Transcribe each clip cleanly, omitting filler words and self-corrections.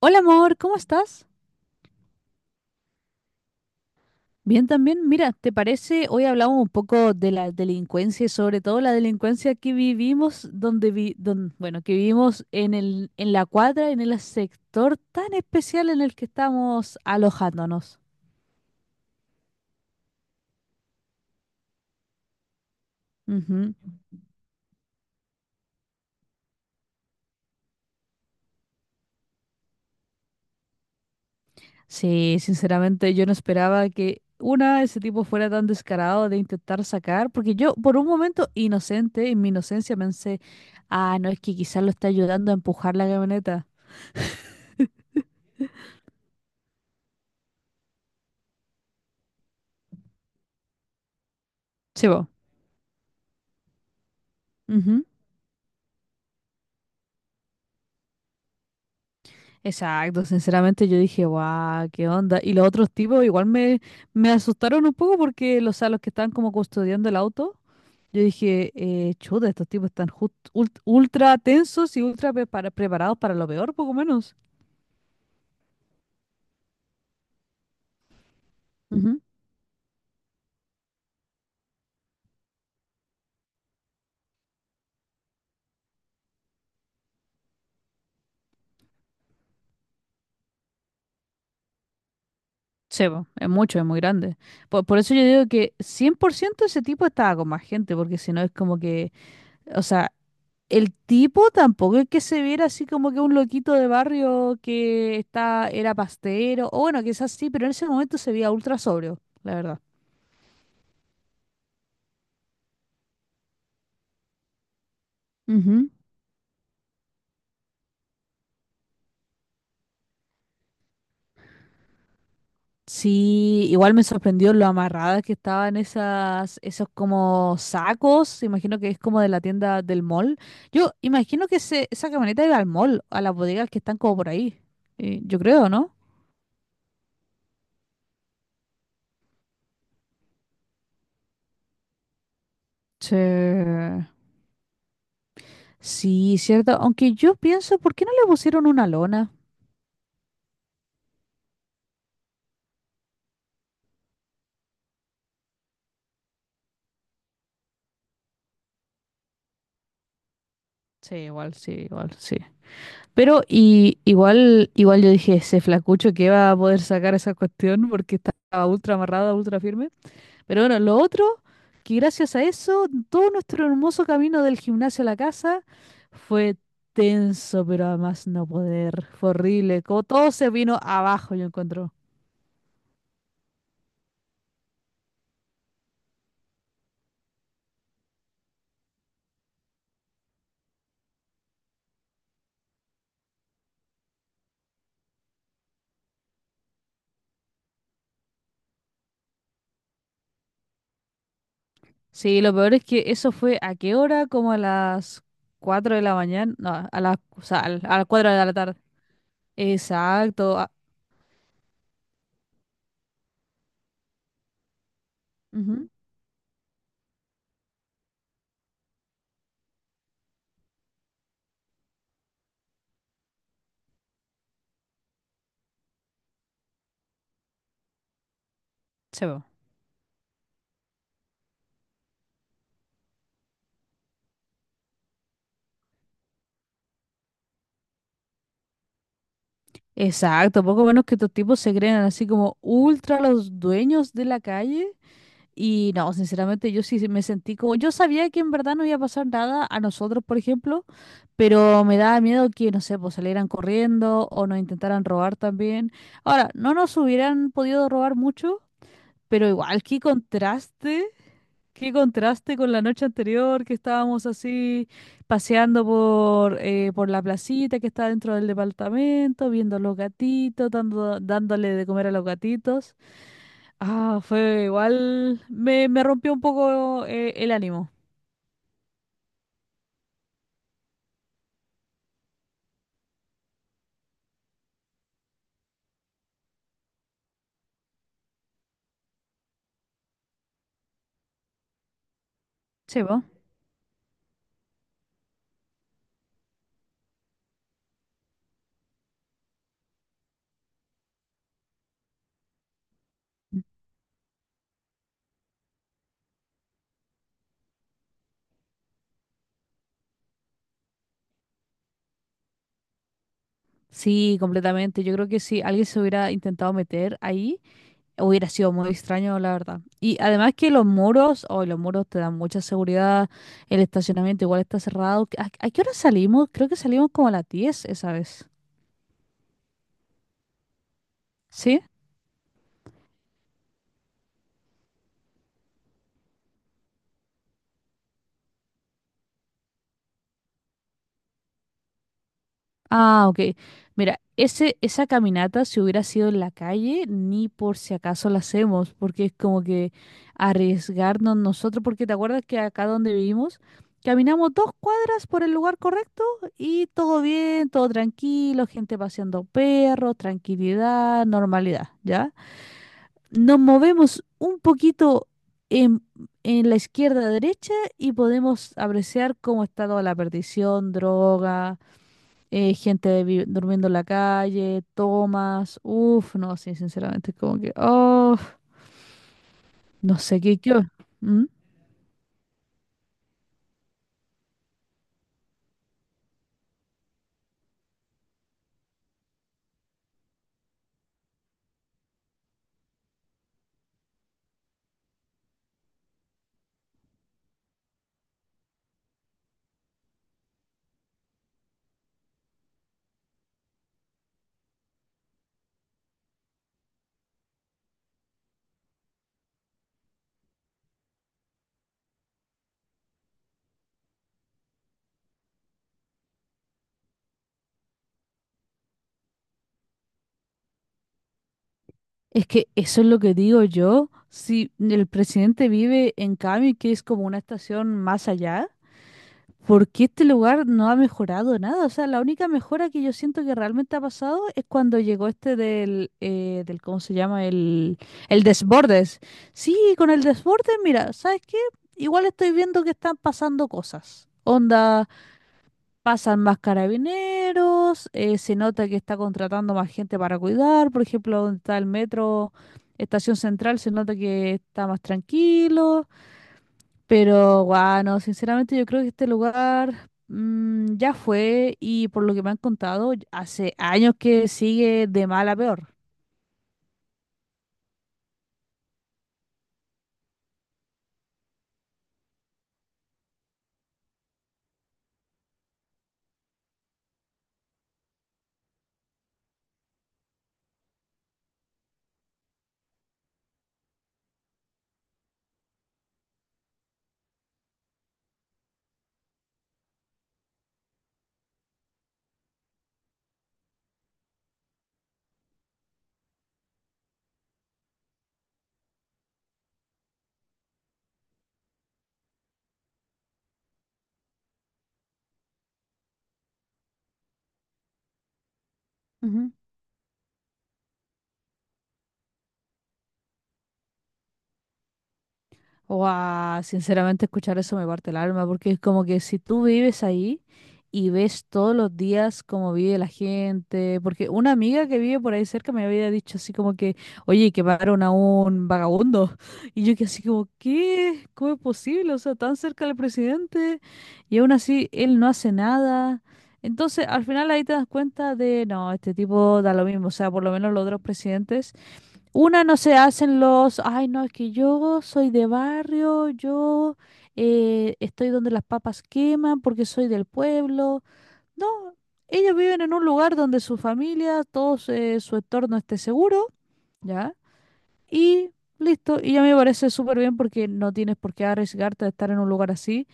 Hola amor, ¿cómo estás? Bien también. Mira, ¿te parece? Hoy hablamos un poco de la delincuencia y sobre todo la delincuencia que vivimos bueno, que vivimos en la cuadra, en el sector tan especial en el que estamos alojándonos. Ujú. Sí, sinceramente yo no esperaba que ese tipo fuera tan descarado de intentar sacar, porque yo por un momento inocente, en mi inocencia pensé, ah, no, es que quizás lo está ayudando a empujar la camioneta. Sí, vos. Exacto, sinceramente yo dije, guau, qué onda. Y los otros tipos igual me asustaron un poco porque o sea, los que estaban como custodiando el auto, yo dije, chuta, estos tipos están ultra tensos y ultra preparados para lo peor, poco menos. Ujú. Sí, po, es mucho, es muy grande. Por eso yo digo que 100% ese tipo estaba con más gente, porque si no es como que, o sea, el tipo tampoco es que se viera así como que un loquito de barrio que está, era pastero, o bueno, quizás sí, pero en ese momento se veía ultra sobrio, la verdad. Ujú. Sí, igual me sorprendió lo amarradas que estaban esos como sacos, imagino que es como de la tienda del mall. Yo imagino que esa camioneta iba al mall, a las bodegas que están como por ahí. Yo creo, ¿no? Sí. Sí, cierto. Aunque yo pienso, ¿por qué no le pusieron una lona? Sí, igual, sí, igual, sí. Pero y, igual, igual yo dije, ese flacucho que va a poder sacar esa cuestión porque estaba ultra amarrada, ultra firme. Pero bueno, lo otro, que gracias a eso, todo nuestro hermoso camino del gimnasio a la casa fue tenso, pero además no poder. Fue horrible. Como todo se vino abajo, yo encuentro. Sí, lo peor es que eso fue a qué hora, como a las 4 de la mañana. No, o sea, a las 4 de la tarde. Exacto. Ujú, se va. Exacto, poco menos que estos tipos se creen así como ultra los dueños de la calle. Y no, sinceramente yo sí me sentí como, yo sabía que en verdad no iba a pasar nada a nosotros, por ejemplo, pero me daba miedo que, no sé, pues salieran corriendo o nos intentaran robar también. Ahora, no nos hubieran podido robar mucho, pero igual, qué contraste con la noche anterior que estábamos así paseando por la placita que está dentro del departamento, viendo los gatitos, dándole de comer a los gatitos. Ah, fue igual, me rompió un poco el ánimo. Sí, ¿vo? Sí, completamente. Yo creo que si alguien se hubiera intentado meter ahí, hubiera sido muy extraño, la verdad. Y además que los muros, hoy los muros te dan mucha seguridad, el estacionamiento igual está cerrado. ¿A qué hora salimos? Creo que salimos como a las 10 esa vez. ¿Sí? Ah, ok. Mira, esa caminata, si hubiera sido en la calle, ni por si acaso la hacemos, porque es como que arriesgarnos nosotros, porque te acuerdas que acá donde vivimos, caminamos dos cuadras por el lugar correcto y todo bien, todo tranquilo, gente paseando perros, tranquilidad, normalidad, ¿ya? Nos movemos un poquito en, en la izquierda-derecha y podemos apreciar cómo está toda la perdición, droga, gente durmiendo en la calle, tomas, uff, no, sí, sinceramente, es como que, oh, no sé qué. ¿Mm? Es que eso es lo que digo yo. Si el presidente vive en Cami, que es como una estación más allá, ¿porque este lugar no ha mejorado nada? O sea, la única mejora que yo siento que realmente ha pasado es cuando llegó este del ¿cómo se llama? El Desbordes. Sí, con el Desbordes, mira, ¿sabes qué? Igual estoy viendo que están pasando cosas. Onda, pasan más carabineros, se nota que está contratando más gente para cuidar. Por ejemplo, donde está el metro, Estación Central, se nota que está más tranquilo. Pero, guau, no, sinceramente yo creo que este lugar ya fue y por lo que me han contado, hace años que sigue de mal a peor. Guau, sinceramente escuchar eso me parte el alma, porque es como que si tú vives ahí y ves todos los días cómo vive la gente, porque una amiga que vive por ahí cerca me había dicho así como que, oye, que pagaron a un vagabundo, y yo que así como, ¿qué? ¿Cómo es posible? O sea, tan cerca del presidente, y aún así él no hace nada. Entonces, al final ahí te das cuenta de, no, este tipo da lo mismo, o sea, por lo menos los otros presidentes. Una no se hacen los, ay no, es que yo soy de barrio, yo estoy donde las papas queman porque soy del pueblo. No, ellos viven en un lugar donde su familia, todo su entorno esté seguro, ¿ya? Y listo, y ya me parece súper bien porque no tienes por qué arriesgarte a estar en un lugar así.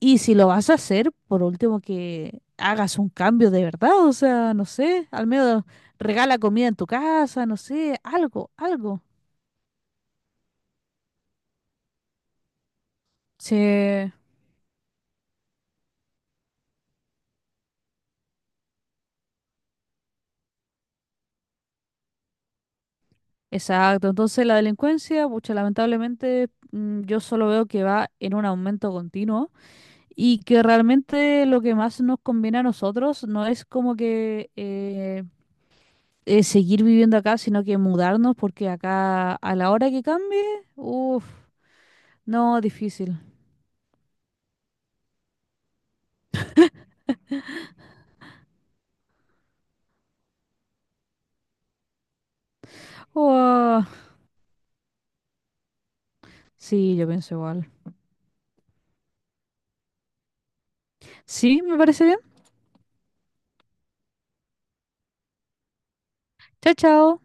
Y si lo vas a hacer, por último que hagas un cambio de verdad, o sea, no sé, al menos regala comida en tu casa, no sé, algo, algo. Sí, exacto. Entonces la delincuencia, pucha, lamentablemente yo solo veo que va en un aumento continuo y que realmente lo que más nos conviene a nosotros no es como que seguir viviendo acá, sino que mudarnos porque acá a la hora que cambie, uff, no, difícil. Uah, sí, yo pienso igual. Sí, me parece bien. Chao, chao.